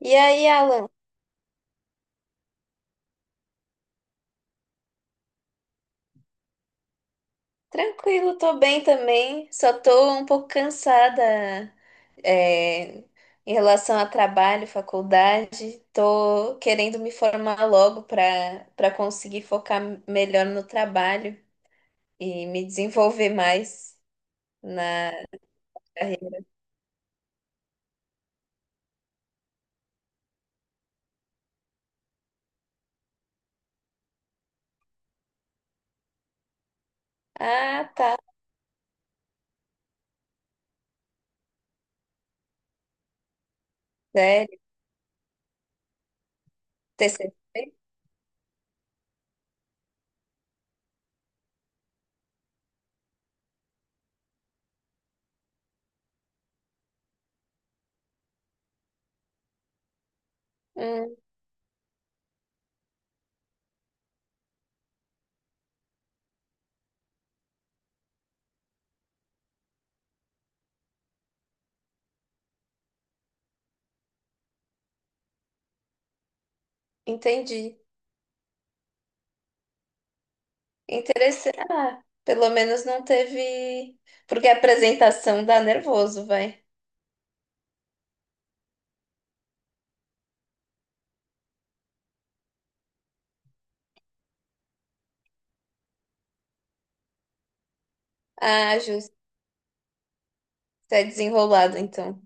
E aí, Alan? Tranquilo, tô bem também. Só tô um pouco cansada, é, em relação a trabalho, faculdade. Tô querendo me formar logo para conseguir focar melhor no trabalho e me desenvolver mais na carreira. Ah, tá. Sério? TCC? Hum, entendi. Interessante. Ah, pelo menos não teve. Porque a apresentação dá nervoso, vai. Ah, justo. Você é desenrolado, então.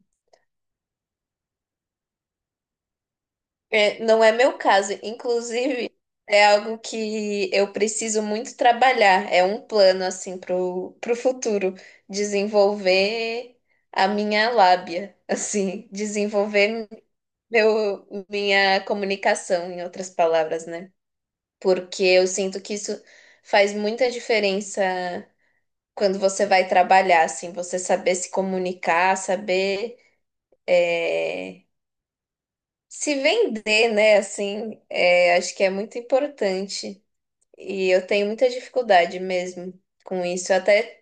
É, não é meu caso. Inclusive, é algo que eu preciso muito trabalhar. É um plano, assim, pro futuro. Desenvolver a minha lábia, assim. Desenvolver minha comunicação, em outras palavras, né? Porque eu sinto que isso faz muita diferença quando você vai trabalhar, assim. Você saber se comunicar, saber. é, Se vender, né, assim, acho que é muito importante. E eu tenho muita dificuldade mesmo com isso. Eu até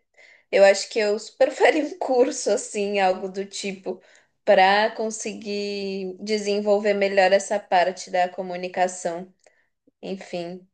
eu acho que eu super faria um curso, assim, algo do tipo, para conseguir desenvolver melhor essa parte da comunicação. Enfim,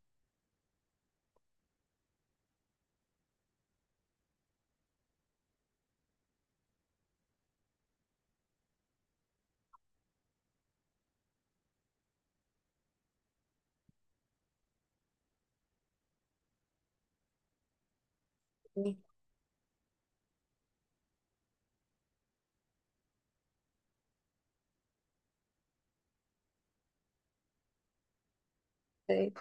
sei.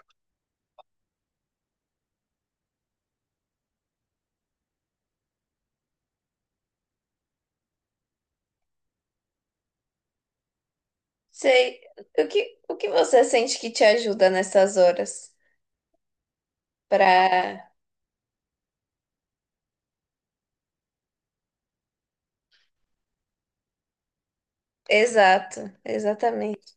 Sei. O que você sente que te ajuda nessas horas? Para. Exato, exatamente.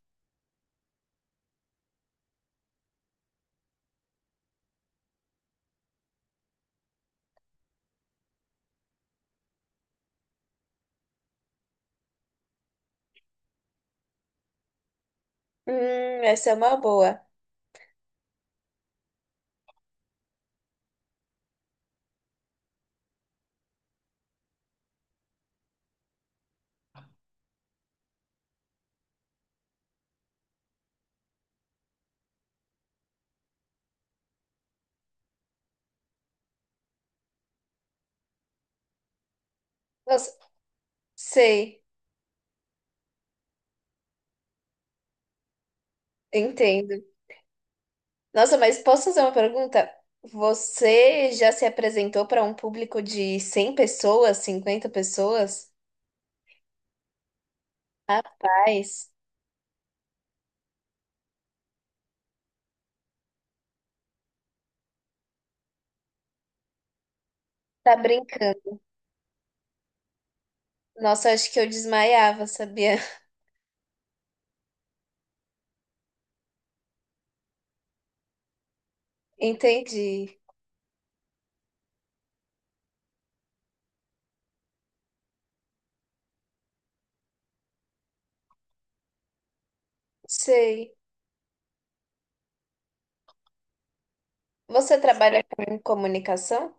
Essa é uma boa. Nossa, sei. Entendo. Nossa, mas posso fazer uma pergunta? Você já se apresentou para um público de 100 pessoas, 50 pessoas? Paz, tá brincando. Nossa, acho que eu desmaiava, sabia? Entendi. Sei. Você trabalha com comunicação?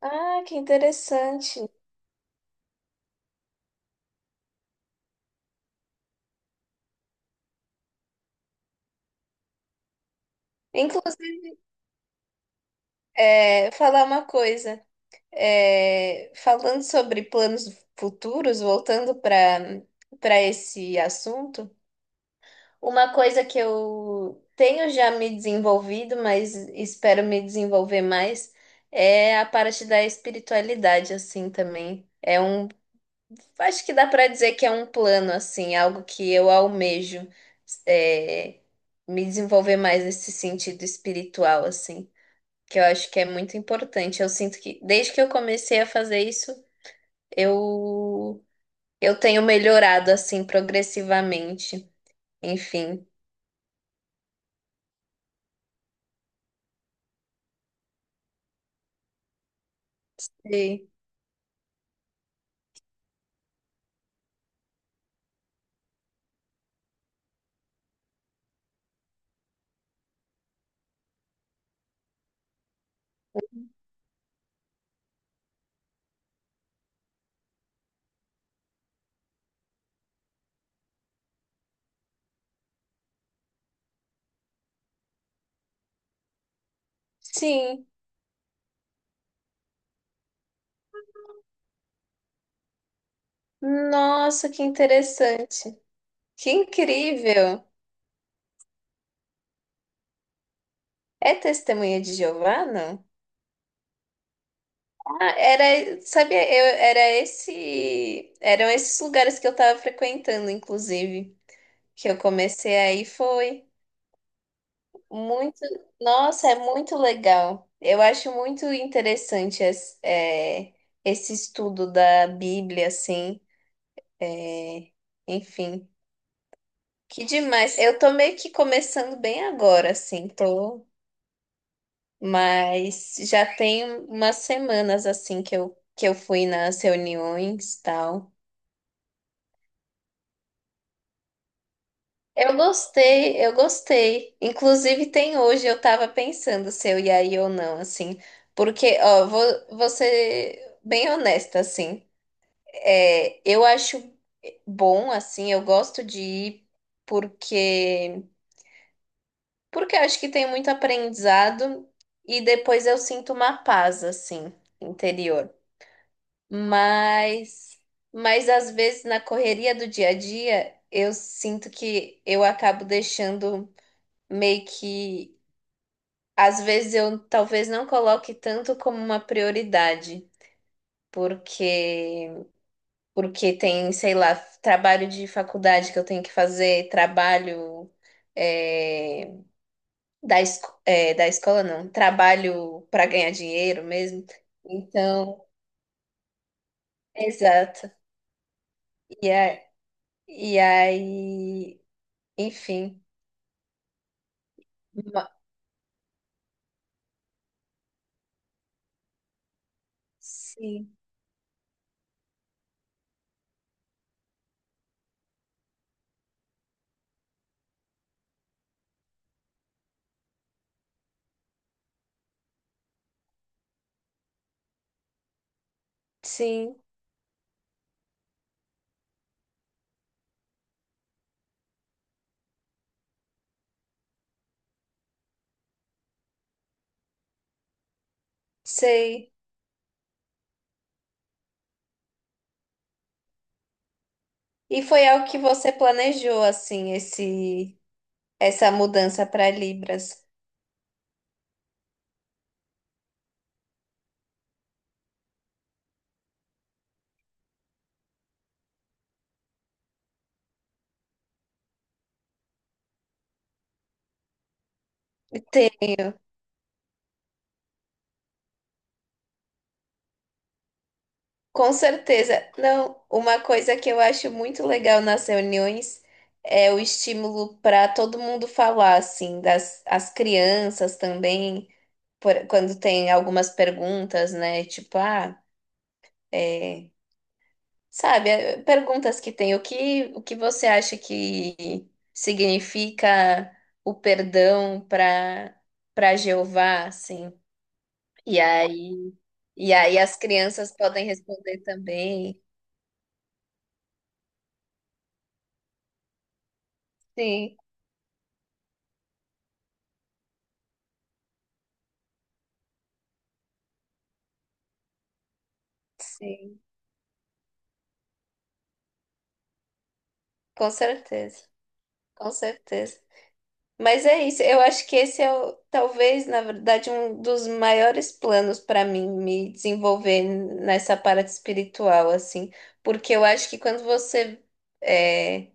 Ah, que interessante. Inclusive, falar uma coisa. É, falando sobre planos futuros, voltando para esse assunto. Uma coisa que eu tenho já me desenvolvido, mas espero me desenvolver mais, é a parte da espiritualidade, assim, também. Acho que dá para dizer que é um plano, assim, algo que eu almejo, é, me desenvolver mais nesse sentido espiritual, assim, que eu acho que é muito importante. Eu sinto que desde que eu comecei a fazer isso, eu, eu tenho melhorado, assim, progressivamente. Enfim. E- Sim. Nossa, que interessante. Que incrível. É testemunha de Jeová, não? Ah, era, sabia, era eram esses lugares que eu estava frequentando, inclusive, que eu comecei aí foi muito, nossa, é muito legal. Eu acho muito interessante es- é, esse estudo da Bíblia, assim, é, enfim. Que demais. Eu tô meio que começando bem agora, assim, tô. Mas já tem umas semanas assim que eu fui nas reuniões e tal. Eu gostei. Inclusive tem hoje, eu tava pensando se eu ia ir ou não, assim. Porque, ó, vou, vou ser bem honesta, assim. É, eu acho bom, assim, eu gosto de ir porque, porque eu acho que tem muito aprendizado e depois eu sinto uma paz, assim, interior. Mas, mas às vezes na correria do dia a dia, eu sinto que eu acabo deixando meio que, às vezes eu talvez não coloque tanto como uma prioridade, porque porque tem, sei lá, trabalho de faculdade que eu tenho que fazer, trabalho é, da, esco- é, da escola não, trabalho para ganhar dinheiro mesmo. Então, exato. E, a, e aí, enfim. Ma- Sim, sim, sei. E foi algo que você planejou, assim, esse, essa mudança para Libras. Tenho, com certeza. Não, uma coisa que eu acho muito legal nas reuniões é o estímulo para todo mundo falar, assim, das as crianças também, por- quando tem algumas perguntas, né? Tipo, ah, é. Sabe, é, perguntas que tem. O que você acha que significa o perdão para Jeová, assim? E aí, e aí as crianças podem responder também. Sim, sim, com certeza, com certeza. Mas é isso, eu acho que esse é o, talvez, na verdade, um dos maiores planos para mim me desenvolver nessa parte espiritual, assim, porque eu acho que quando você eh,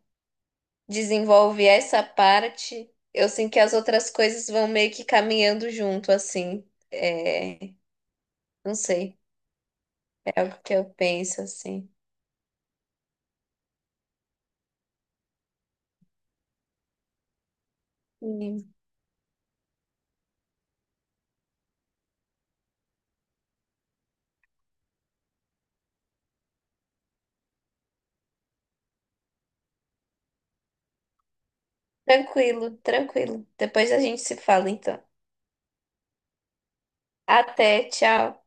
desenvolve essa parte, eu sinto que as outras coisas vão meio que caminhando junto, assim. É, não sei, é algo que eu penso, assim. E tranquilo, tranquilo. Depois a gente se fala, então. Até, tchau.